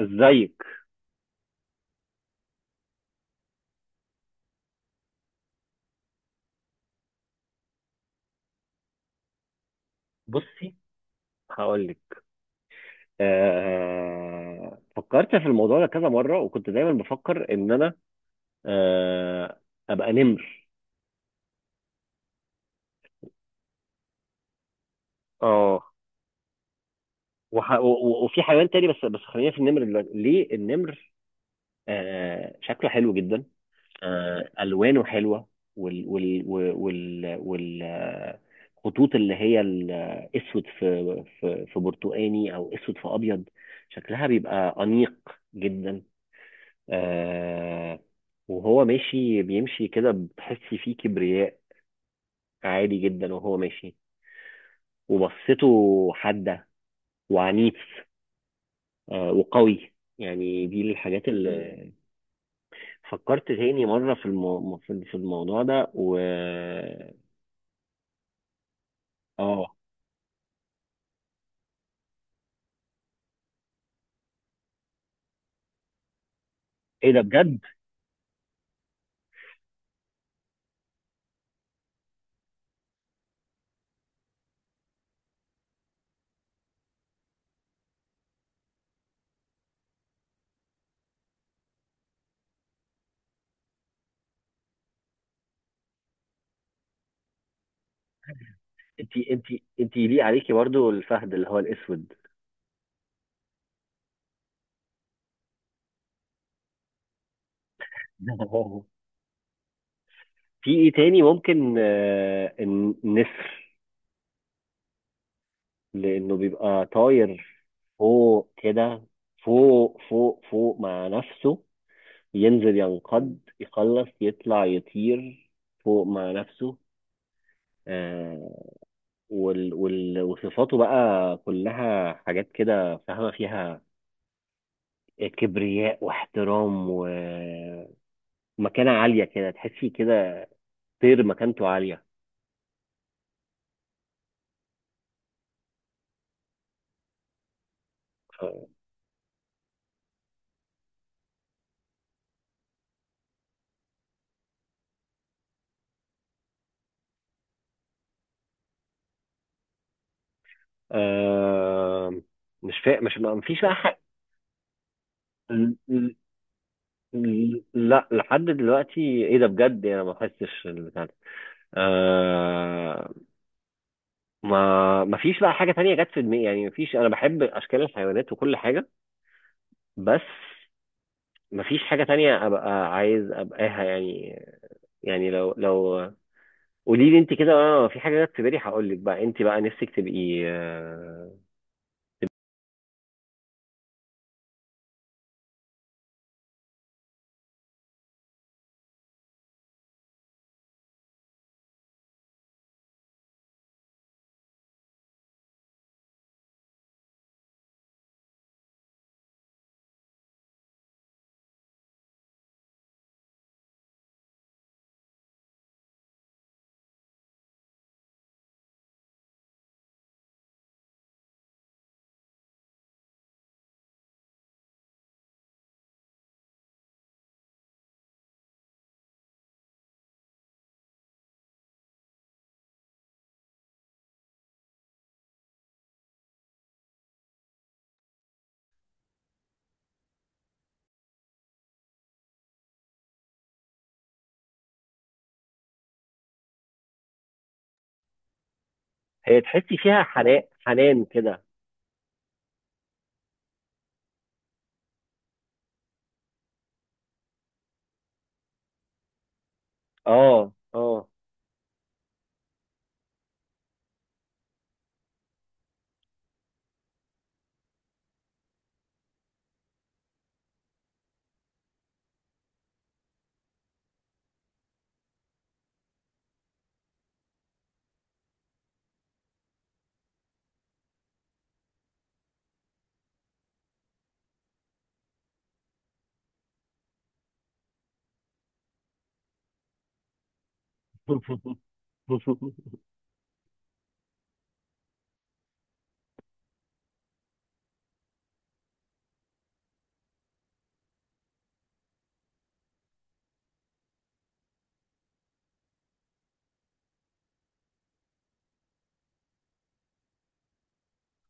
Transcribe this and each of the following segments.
ازيك؟ بصي، هقول لك. فكرت في الموضوع ده كذا مره وكنت دايما بفكر ان انا آه... ابقى نمر. اه، وفي حيوان تاني بس، خلينا في النمر دلوقتي. ليه النمر؟ شكله حلو جدا. الوانه حلوه، وال وال وال وال, وال... آه، خطوط اللي هي الاسود في برتقاني او اسود في ابيض. شكلها بيبقى انيق جدا. آه، وهو ماشي بيمشي كده بتحس فيه كبرياء عالي جدا وهو ماشي. وبصته حادة وعنيف، آه، وقوي. يعني دي الحاجات اللي فكرت تاني مرة في الموضوع ده. و اه، ايه ده بجد؟ انت، انت يليق عليكي برضو الفهد اللي هو الاسود. في ايه تاني ممكن؟ آه، النسر، لانه بيبقى طاير فوق كده، فوق مع نفسه، ينزل ينقض يخلص يطلع يطير فوق مع نفسه. آه، وال وال وصفاته بقى كلها حاجات كده فاهمة فيها، كبرياء واحترام ومكانة عالية كده، تحسي كده طير مكانته عالية. آه، مش فا... مش ما فيش بقى حق. ل- لا، لحد دلوقتي. ايه ده بجد؟ انا ما بحسش، آه، ما فيش بقى حاجة تانية جت في دماغي. يعني ما فيش، أنا بحب أشكال الحيوانات وكل حاجة، بس ما فيش حاجة تانية أبقى عايز أبقاها. يعني يعني لو قولي لي أنت كده، أنا في حاجة جت في بالي هقول لك. بقى أنت بقى نفسك تبقي آه؟ هي تحسي فيها حنان، حنان كده. أه، أه.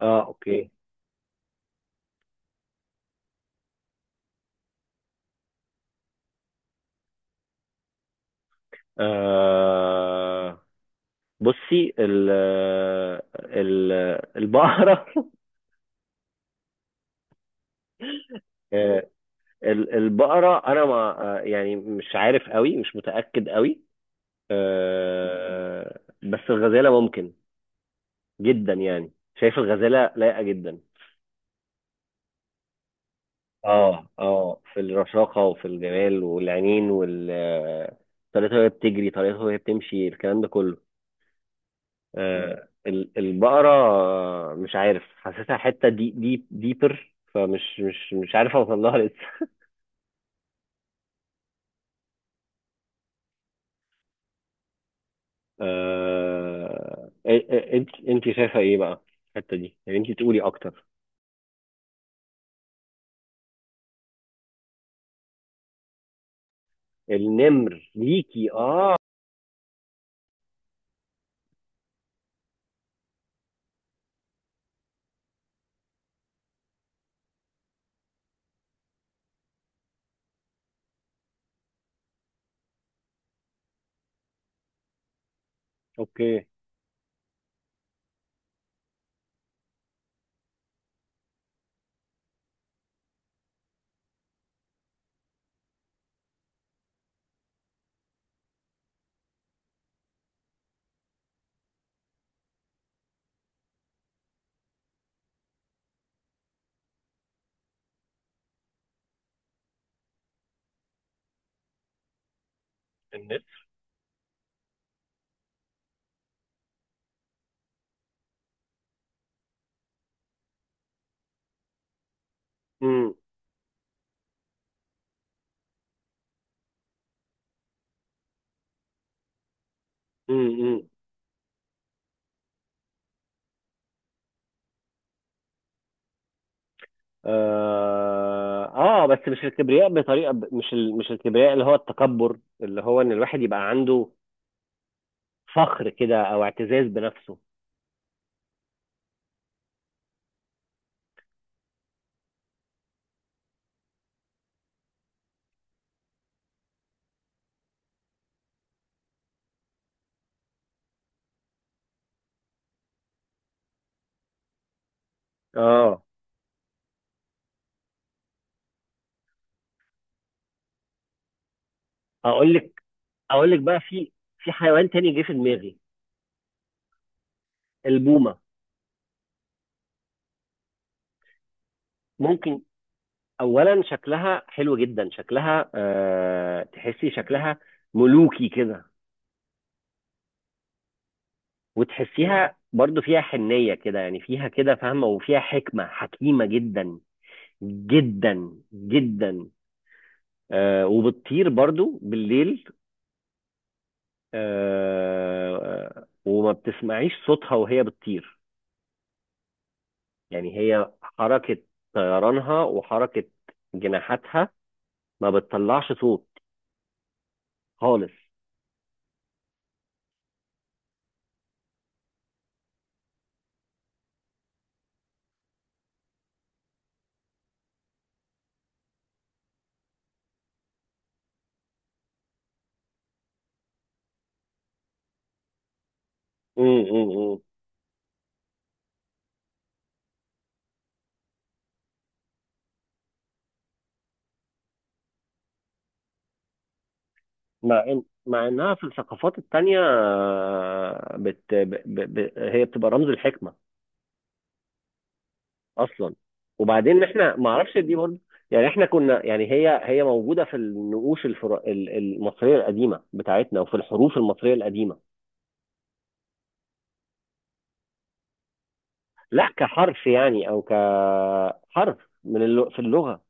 اه، اوكي. آه، بصي ال ال البقرة. البقرة أنا ما، يعني مش عارف قوي، مش متأكد قوي، آه، بس الغزالة ممكن جدا يعني. شايف الغزالة لايقة جدا. اه اه، في الرشاقة وفي الجمال والعينين وال آه، طريقتها وهي بتجري، طريقتها وهي بتمشي، الكلام ده كله. آه، البقرة، آه، مش عارف، حاسسها حتة دي دي ديبر، فمش مش مش عارف اوصل لها لسه. آه... انت، انت شايفه ايه بقى الحته دي؟ يعني انت تقولي اكتر. النمر ليكي اه؟ اوكي. النت. امم، امم. آه، اه، بس مش الكبرياء بطريقه ب... مش ال... مش الكبرياء اللي هو التكبر، اللي هو ان الواحد يبقى عنده فخر كده او اعتزاز بنفسه. اه، اقول لك اقول لك بقى، في في حيوان تاني جه في دماغي: البومه. ممكن، اولا شكلها حلو جدا، شكلها آه، تحسي شكلها ملوكي كده. وتحسيها برضو فيها حنية كده، يعني فيها كده فاهمة، وفيها حكمة، حكيمة جدا جدا جدا. آه، وبتطير برضو بالليل. آه، آه، وما بتسمعيش صوتها وهي بتطير. يعني هي حركة طيرانها وحركة جناحاتها ما بتطلعش صوت خالص. مع إن، مع إنها في الثقافات التانية، آه، بت... ب... ب... ب... هي بتبقى رمز الحكمة أصلا. وبعدين إحنا، ما أعرفش دي برضه، يعني إحنا كنا، يعني هي موجودة في النقوش المصرية القديمة بتاعتنا وفي الحروف المصرية القديمة. لا كحرف، يعني أو كحرف في اللغة.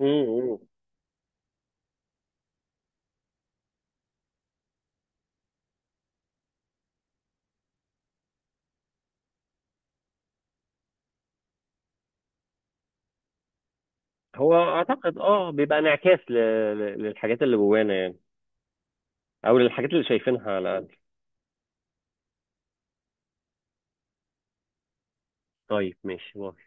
امم، هو أعتقد أه بيبقى انعكاس للحاجات اللي جوانا، يعني، أو للحاجات اللي شايفينها على الأقل. طيب، ماشي.